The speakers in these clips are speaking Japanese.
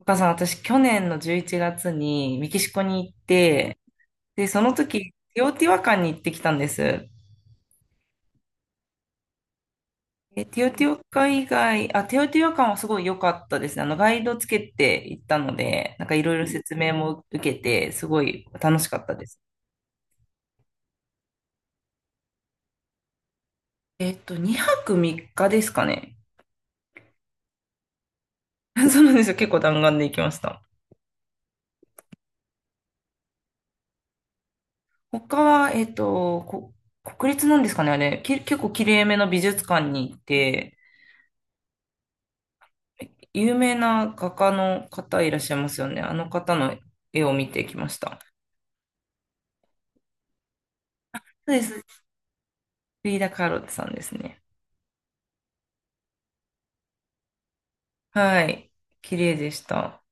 お母さん、私、去年の11月にメキシコに行って、で、その時、ティオティワカンに行ってきたんです。え、ティオティワカン以外、あ、ティオティワカンはすごい良かったですね。ガイドつけて行ったので、なんかいろいろ説明も受けて、すごい楽しかったです。2泊3日ですかね。そうなんですよ。結構弾丸で行きました。他は、国立なんですかね、あれ。結構綺麗めの美術館に行って、有名な画家の方いらっしゃいますよね。あの方の絵を見てきました。そうです。フリーダ・カーロットさんですね。はい。綺麗でした。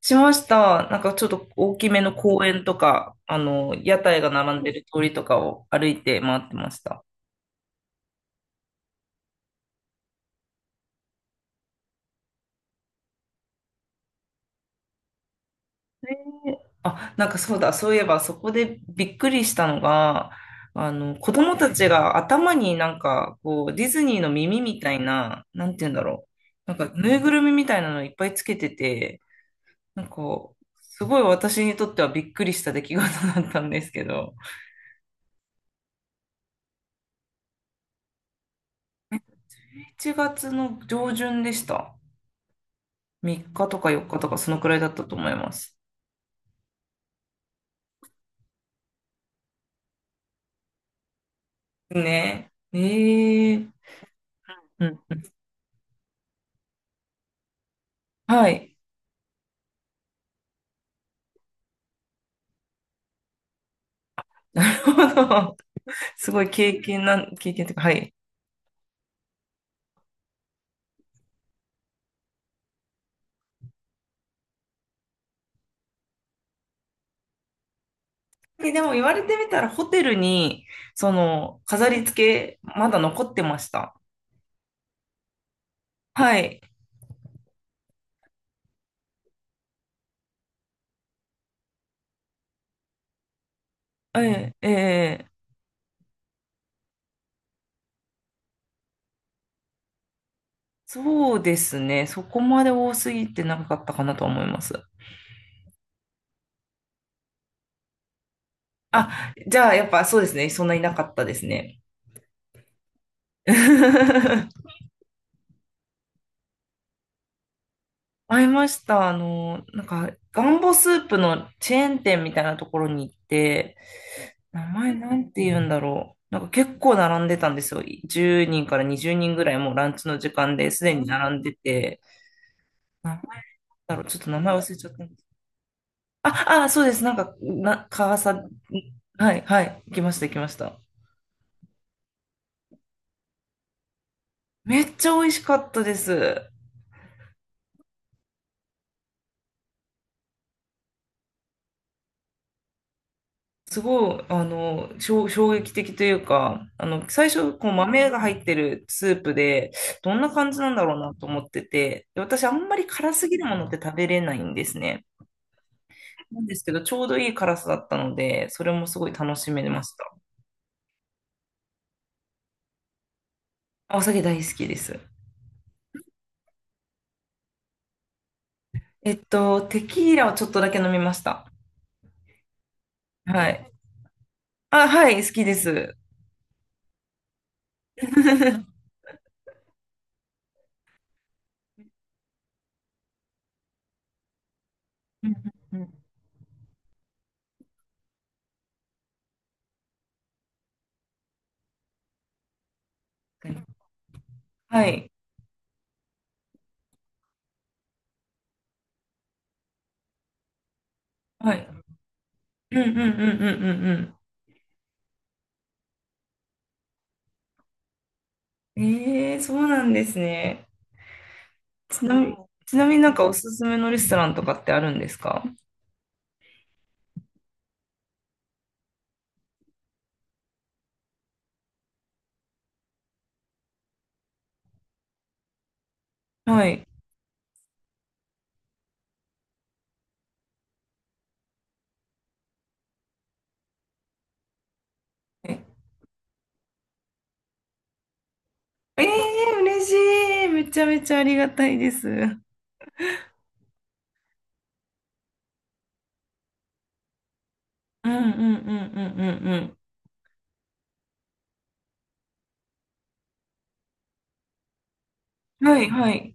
しました。なんかちょっと大きめの公園とか、屋台が並んでる通りとかを歩いて回ってました。あ、なんかそうだ、そういえばそこでびっくりしたのが、子供たちが頭になんか、こう、ディズニーの耳みたいな、なんて言うんだろう。なんか、ぬいぐるみみたいなのいっぱいつけてて、なんか、すごい私にとってはびっくりした出来事だったんですけど、7月の上旬でした。3日とか4日とかそのくらいだったと思います。ね。ええー。うん。はい。なるほど。すごい経験というか、はい。で、でも言われてみたらホテルに、その、飾り付け、まだ残ってました。はい。ええええ、そうですね。そこまで多すぎてなかったかなと思います。あ、じゃあ、やっぱそうですね。そんなになかったですね。会いました。なんか、ガンボスープのチェーン店みたいなところに行って、名前なんて言うんだろう。なんか結構並んでたんですよ。10人から20人ぐらいもうランチの時間ですでに並んでて。名前だろう。ちょっと名前忘れちゃったんです。あ、あ、そうです。川崎、はい、はい。行きました、行きました。めっちゃ美味しかったです。すごい、衝撃的というか、最初、こう、豆が入ってるスープで、どんな感じなんだろうなと思ってて、で私、あんまり辛すぎるものって食べれないんですね。なんですけど、ちょうどいい辛さだったので、それもすごい楽しめました。お酒大好きです。テキーラをちょっとだけ飲みました。はい。あ、はい、好きです。うんうんうん。 はい。はい。うんうんうんうんうんうん。ええ、そうなんですね。ちなみに、ちなみになんかおすすめのレストランとかってあるんですか？はい。ええー、嬉しい。めちゃめちゃありがたいです。うんうんうんうんうんうん。はいはい。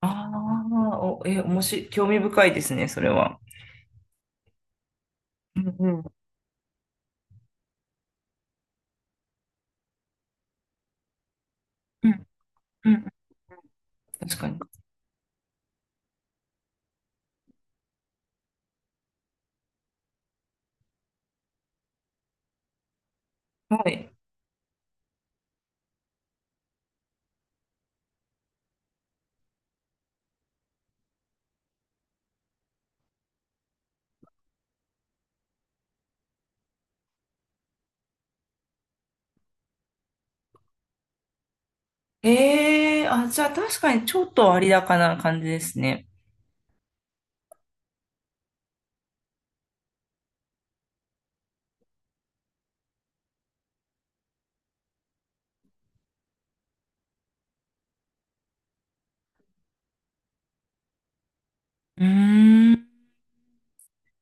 ああ、お、え、もし、興味深いですね、それは。うんうんうんうん、確かに。はい。ええ、あ、じゃあ確かにちょっと割高な感じですね。うーん。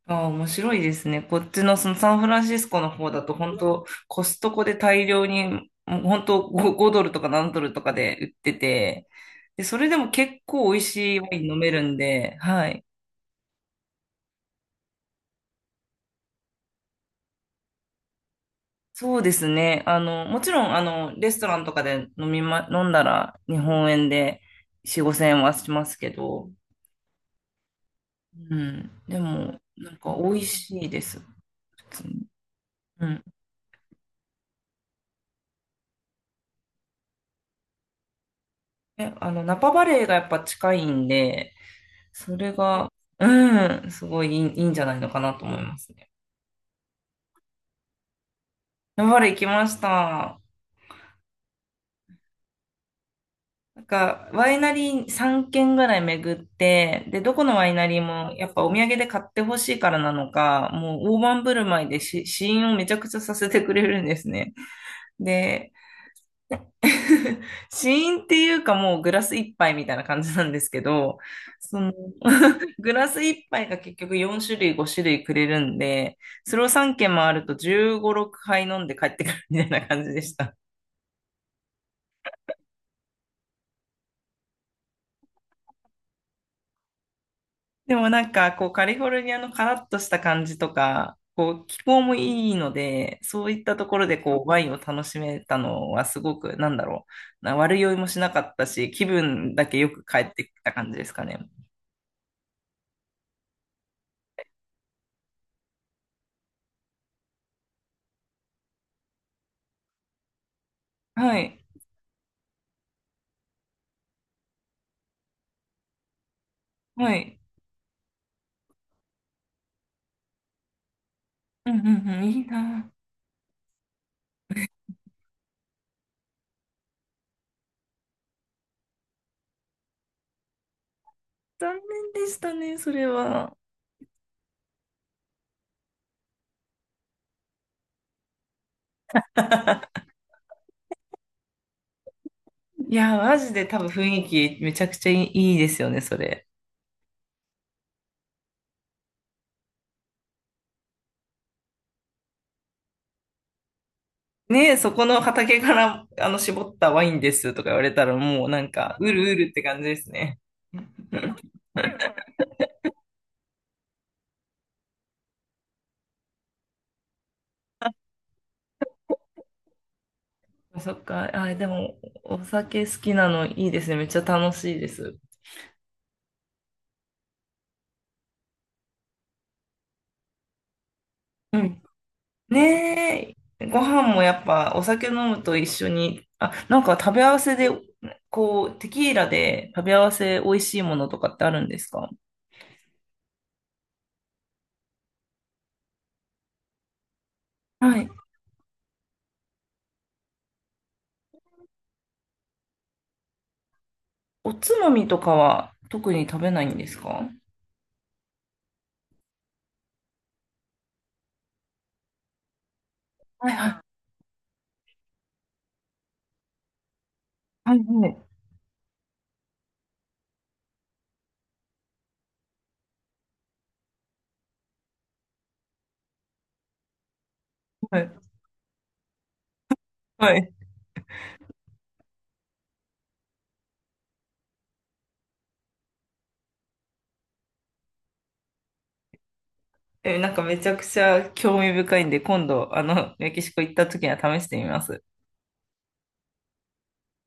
ああ、面白いですね。こっちのそのサンフランシスコの方だと本当コストコで大量に、もう本当5、ドルとか何ドルとかで売ってて、で、それでも結構美味しいワイン飲めるんで、はい。そうですね。もちろん、レストランとかで飲みま、飲んだら日本円で4、5千円はしますけど、うん。でも、なんか美味しいです、普通に。うん。え、あの、ナパバレーがやっぱ近いんで、それが、うん、すごいいいいいんじゃないのかなと思いますね。山原行きました。なんか、ワイナリー3軒ぐらい巡って、で、どこのワイナリーもやっぱお土産で買ってほしいからなのか、もう大盤振る舞いで試飲をめちゃくちゃさせてくれるんですね。で、死因っていうかもうグラス一杯みたいな感じなんですけど、その グラス一杯が結局4種類5種類くれるんで、それを3軒回ると15、6杯飲んで帰ってくるみたいな感じでした。でもなんかこうカリフォルニアのカラッとした感じとか、こう気候もいいので、そういったところでこうワインを楽しめたのはすごくなんだろう、悪酔いもしなかったし、気分だけよく帰ってきた感じですかね。はい。はい。うんうんうん、いいなぁ。残念でしたね、それは。いや、マジで多分雰囲気めちゃくちゃいいですよね、それ。ねえ、そこの畑からあの絞ったワインですとか言われたらもうなんか、うるうるって感じですね。そっか、あ、でもお酒好きなのいいですね、めっちゃ楽しいです。うん。ねえ、ご飯もやっぱお酒飲むと一緒に、あ、なんか食べ合わせで、こう、テキーラで食べ合わせ美味しいものとかってあるんですか？はい。おつまみとかは特に食べないんですか？はいはいはい。 はい。はい。なんかめちゃくちゃ興味深いんで、今度、メキシコ行った時には試してみます。